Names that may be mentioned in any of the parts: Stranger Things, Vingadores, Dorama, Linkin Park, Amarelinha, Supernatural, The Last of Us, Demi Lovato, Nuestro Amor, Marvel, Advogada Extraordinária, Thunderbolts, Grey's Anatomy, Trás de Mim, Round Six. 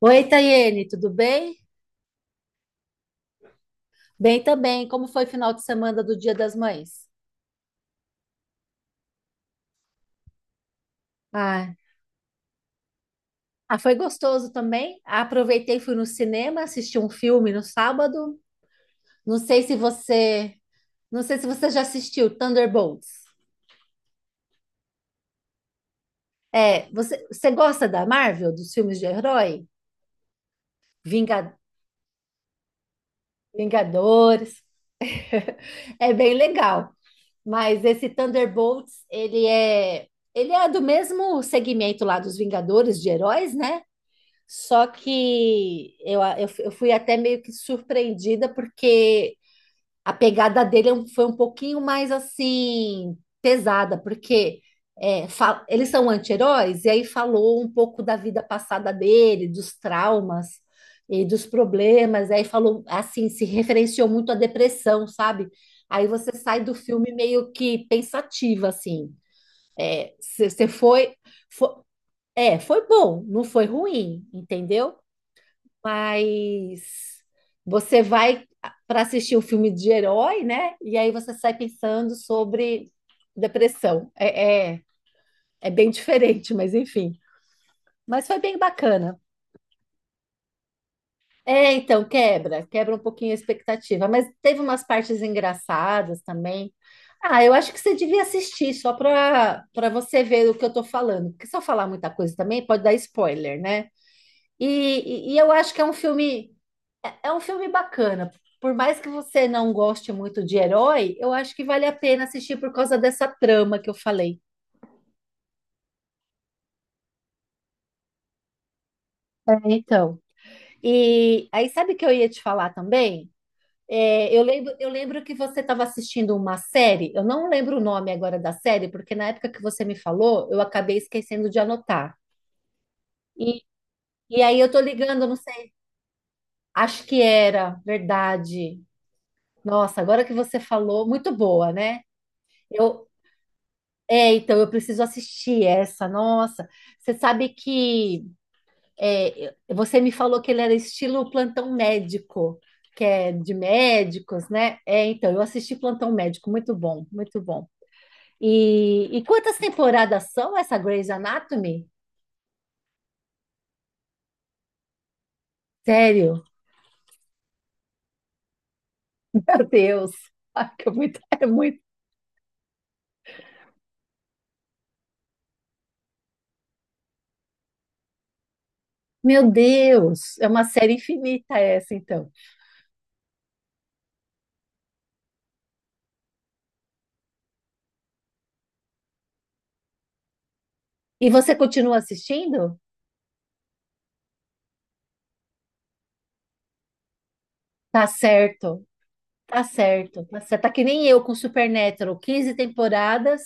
Oi, Tayene, tudo bem? Bem também. Como foi o final de semana do Dia das Mães? Ah, foi gostoso também. Aproveitei, fui no cinema, assisti um filme no sábado. Não sei se você, não sei se você já assistiu Thunderbolts. É, você gosta da Marvel, dos filmes de herói? Vinga- Vingadores. É bem legal. Mas esse Thunderbolts, ele é do mesmo segmento lá dos Vingadores de heróis, né? Só que eu fui até meio que surpreendida, porque a pegada dele foi um pouquinho mais assim, pesada, porque eles são anti-heróis, e aí falou um pouco da vida passada dele, dos traumas e dos problemas, e aí falou assim, se referenciou muito à depressão, sabe? Aí você sai do filme meio que pensativa, assim. É, você foi, foi, é, foi bom, não foi ruim, entendeu? Mas você vai para assistir um filme de herói, né? E aí você sai pensando sobre depressão. É bem diferente, mas enfim. Mas foi bem bacana. É, então, quebra um pouquinho a expectativa. Mas teve umas partes engraçadas também. Ah, eu acho que você devia assistir só para você ver o que eu tô falando. Porque se eu falar muita coisa também, pode dar spoiler, né? E, e eu acho que é é é um filme bacana. Por mais que você não goste muito de herói, eu acho que vale a pena assistir por causa dessa trama que eu falei. É, então. E aí, sabe o que eu ia te falar também? É, eu lembro que você estava assistindo uma série, eu não lembro o nome agora da série, porque na época que você me falou, eu acabei esquecendo de anotar. E, e aí eu tô ligando, não sei, acho que era, verdade. Nossa, agora que você falou, muito boa, né? eu É, então eu preciso assistir essa. Nossa, você sabe que é, você me falou que ele era estilo plantão médico, que é de médicos, né? É, então eu assisti Plantão Médico, muito bom, muito bom. E, quantas temporadas são essa Grey's Anatomy? Sério? Meu Deus, ai, que é muito, é muito. Meu Deus, é uma série infinita essa, então. E você continua assistindo? Tá certo. Tá certo. Tá certo. Tá que nem eu com Supernatural, 15 temporadas.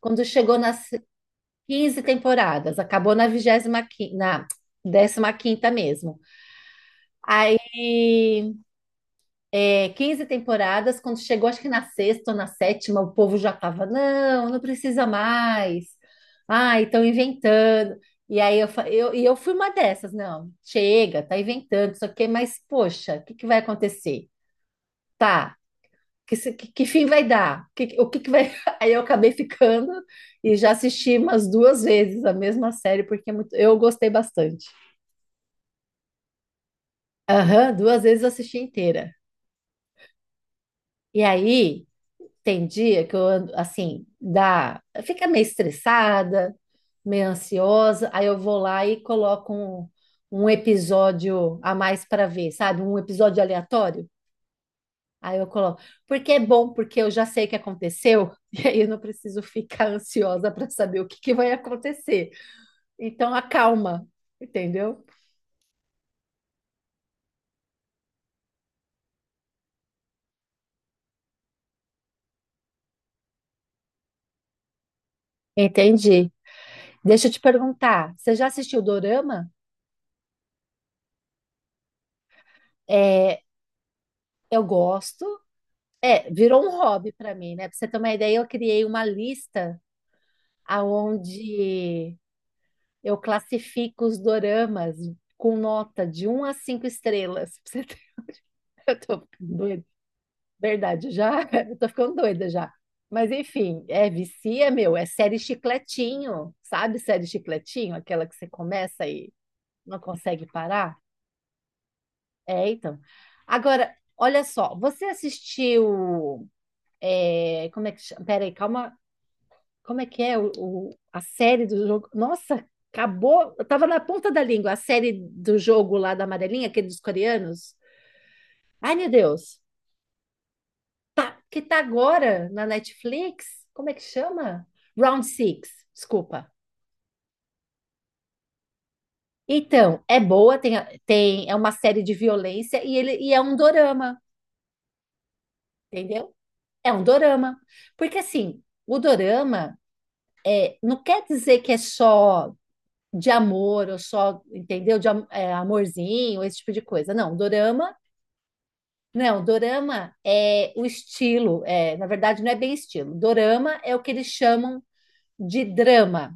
Quando chegou nas 15 temporadas, acabou na 25, na décima quinta mesmo. Aí, 15 temporadas, quando chegou, acho que na sexta ou na sétima, o povo já tava, não, não precisa mais. Ah, estão inventando. E aí eu, fa- eu, e eu fui uma dessas, não, chega, tá inventando, isso aqui, mas poxa, o que que vai acontecer? Tá, que, se- que fim vai dar? Que vai. Aí eu acabei ficando e já assisti umas duas vezes a mesma série, porque eu gostei bastante. Aham, duas vezes eu assisti inteira. E aí tem dia que eu ando assim, dá, fica meio estressada, meio ansiosa, aí eu vou lá e coloco um episódio a mais para ver, sabe? Um episódio aleatório. Aí eu coloco, porque é bom, porque eu já sei o que aconteceu, e aí eu não preciso ficar ansiosa para saber o que que vai acontecer. Então acalma, entendeu? Entendi. Deixa eu te perguntar, você já assistiu Dorama? É, eu gosto. É, virou um hobby para mim, né? Para você ter uma ideia, eu criei uma lista aonde eu classifico os doramas com nota de um a 5 estrelas. Eu tô doida. Verdade, já eu tô ficando doida já. Mas enfim, é vicia, meu, é série chicletinho, sabe? Série chicletinho, aquela que você começa e não consegue parar? É, então. Agora, olha só, como é que chama? Peraí, calma, como é que é a série do jogo? Nossa, acabou, eu tava na ponta da língua, a série do jogo lá da Amarelinha, aquele dos coreanos. Ai, meu Deus. Tá, que tá agora na Netflix, como é que chama? Round Six, desculpa. Então, é boa, tem, é uma série de violência e ele e é um dorama, entendeu? É um dorama. Porque assim, o dorama não quer dizer que é só de amor ou só, entendeu? Amorzinho, esse tipo de coisa. Não, dorama é o estilo, é, na verdade não é bem estilo. Dorama é o que eles chamam de drama,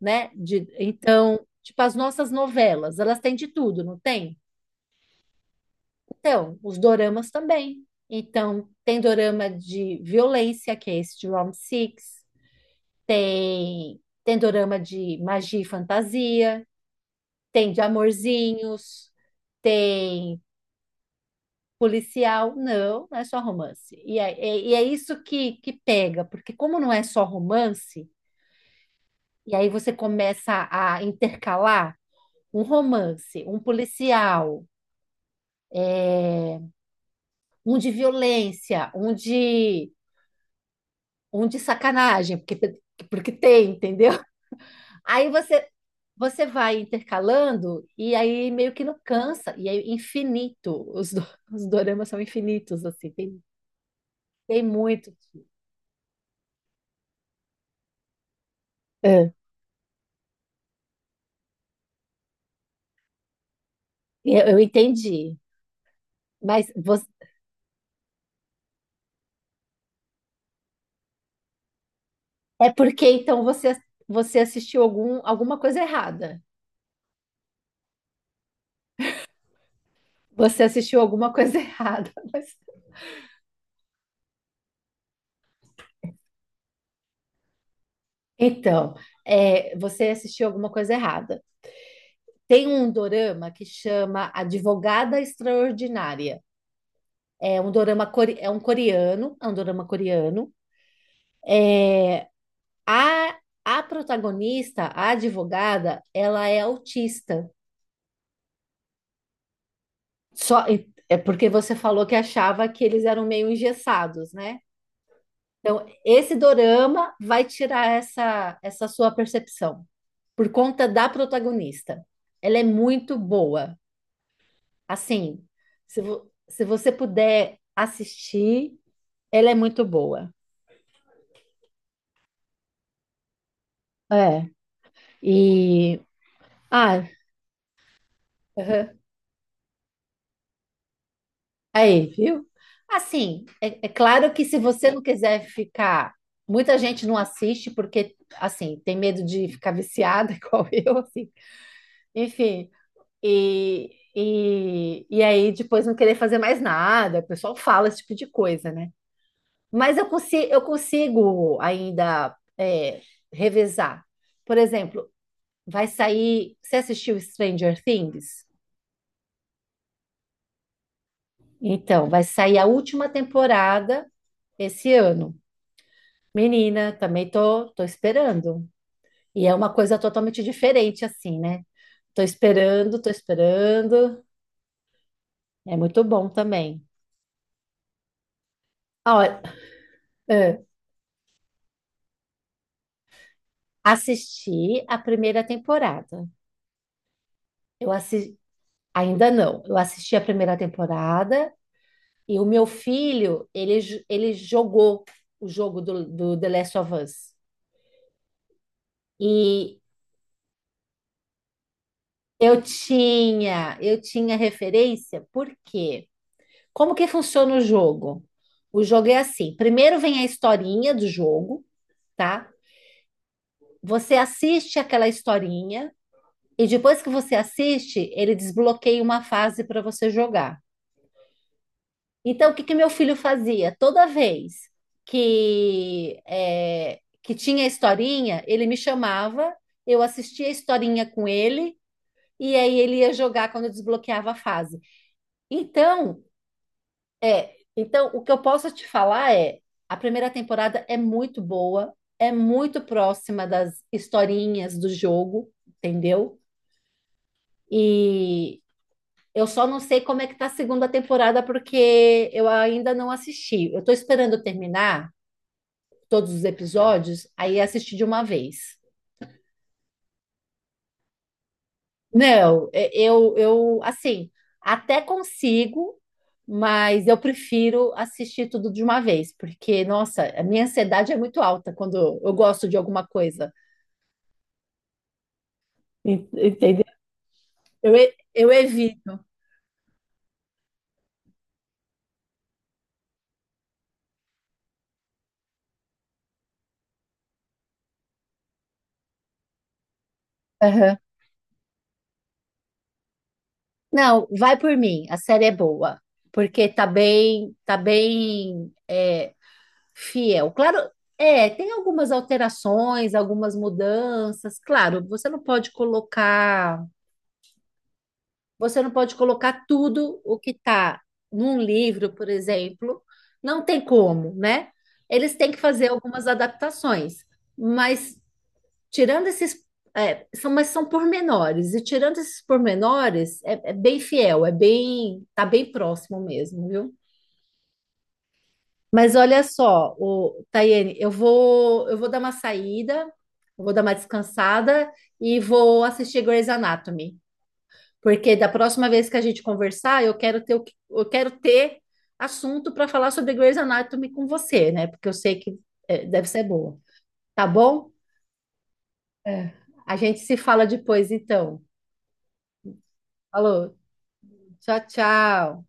né? De, então, tipo, as nossas novelas, elas têm de tudo, não tem? Então, os doramas também. Então, tem dorama de violência, que é esse de Round Six, tem dorama de magia e fantasia, tem de amorzinhos, tem policial, não, não é só romance. E é isso que pega, porque como não é só romance, e aí você começa a intercalar. Um romance, um policial, é, um de violência, um de sacanagem, porque tem, entendeu? Aí você, você vai intercalando e aí meio que não cansa, e é infinito. Os doramas são infinitos, assim, tem muito. É, eu entendi. Mas você- é porque então você assistiu alguma coisa errada. Você assistiu alguma coisa errada. Mas então, é, você assistiu alguma coisa errada. Tem um dorama que chama Advogada Extraordinária. É um coreano, é um dorama coreano. A, a protagonista, a advogada, ela é autista. Só é porque você falou que achava que eles eram meio engessados, né? Então, esse dorama vai tirar essa sua percepção por conta da protagonista. Ela é muito boa. Assim, se você puder assistir, ela é muito boa. É. E. Ah, aham. Aí, viu? Assim, é claro que se você não quiser ficar. Muita gente não assiste porque, assim, tem medo de ficar viciada, igual eu, assim. Enfim, e, e aí depois não querer fazer mais nada. O pessoal fala esse tipo de coisa, né? Mas eu consigo ainda é, revezar. Por exemplo, vai sair. Você assistiu Stranger Things? Então, vai sair a última temporada esse ano. Menina, também tô esperando. E é uma coisa totalmente diferente, assim, né? Tô esperando, tô esperando. É muito bom também. Olha, ah, assisti a primeira temporada. Eu assisti, ainda não. Eu assisti a primeira temporada. E o meu filho, ele jogou o jogo do The Last of Us. E eu tinha referência, porque como que funciona o jogo? O jogo é assim: primeiro vem a historinha do jogo, tá? Você assiste aquela historinha, e depois que você assiste, ele desbloqueia uma fase para você jogar. Então, o que que meu filho fazia? Toda vez que tinha historinha, ele me chamava, eu assistia a historinha com ele, e aí ele ia jogar quando eu desbloqueava a fase. Então, então, o que eu posso te falar é, a primeira temporada é muito boa, é muito próxima das historinhas do jogo, entendeu? E eu só não sei como é que tá a segunda temporada, porque eu ainda não assisti. Eu tô esperando terminar todos os episódios, aí assisti de uma vez. Não, é, eu assim, até consigo, mas eu prefiro assistir tudo de uma vez, porque, nossa, a minha ansiedade é muito alta quando eu gosto de alguma coisa. Entendeu? Eu evito. Aham. Não, vai por mim, a série é boa, porque tá bem, é, fiel. Claro, é, tem algumas alterações, algumas mudanças. Claro, você não pode colocar tudo o que está num livro, por exemplo. Não tem como, né? Eles têm que fazer algumas adaptações, mas tirando esses, mas são pormenores, e tirando esses pormenores, é bem fiel, é bem, tá bem próximo mesmo, viu? Mas olha só, o Tayene, eu vou dar uma saída, eu vou dar uma descansada e vou assistir Grey's Anatomy, porque da próxima vez que a gente conversar, eu quero ter assunto para falar sobre Grey's Anatomy com você, né? Porque eu sei que é, deve ser boa. Tá bom? É. A gente se fala depois, então. Falou. Tchau, tchau.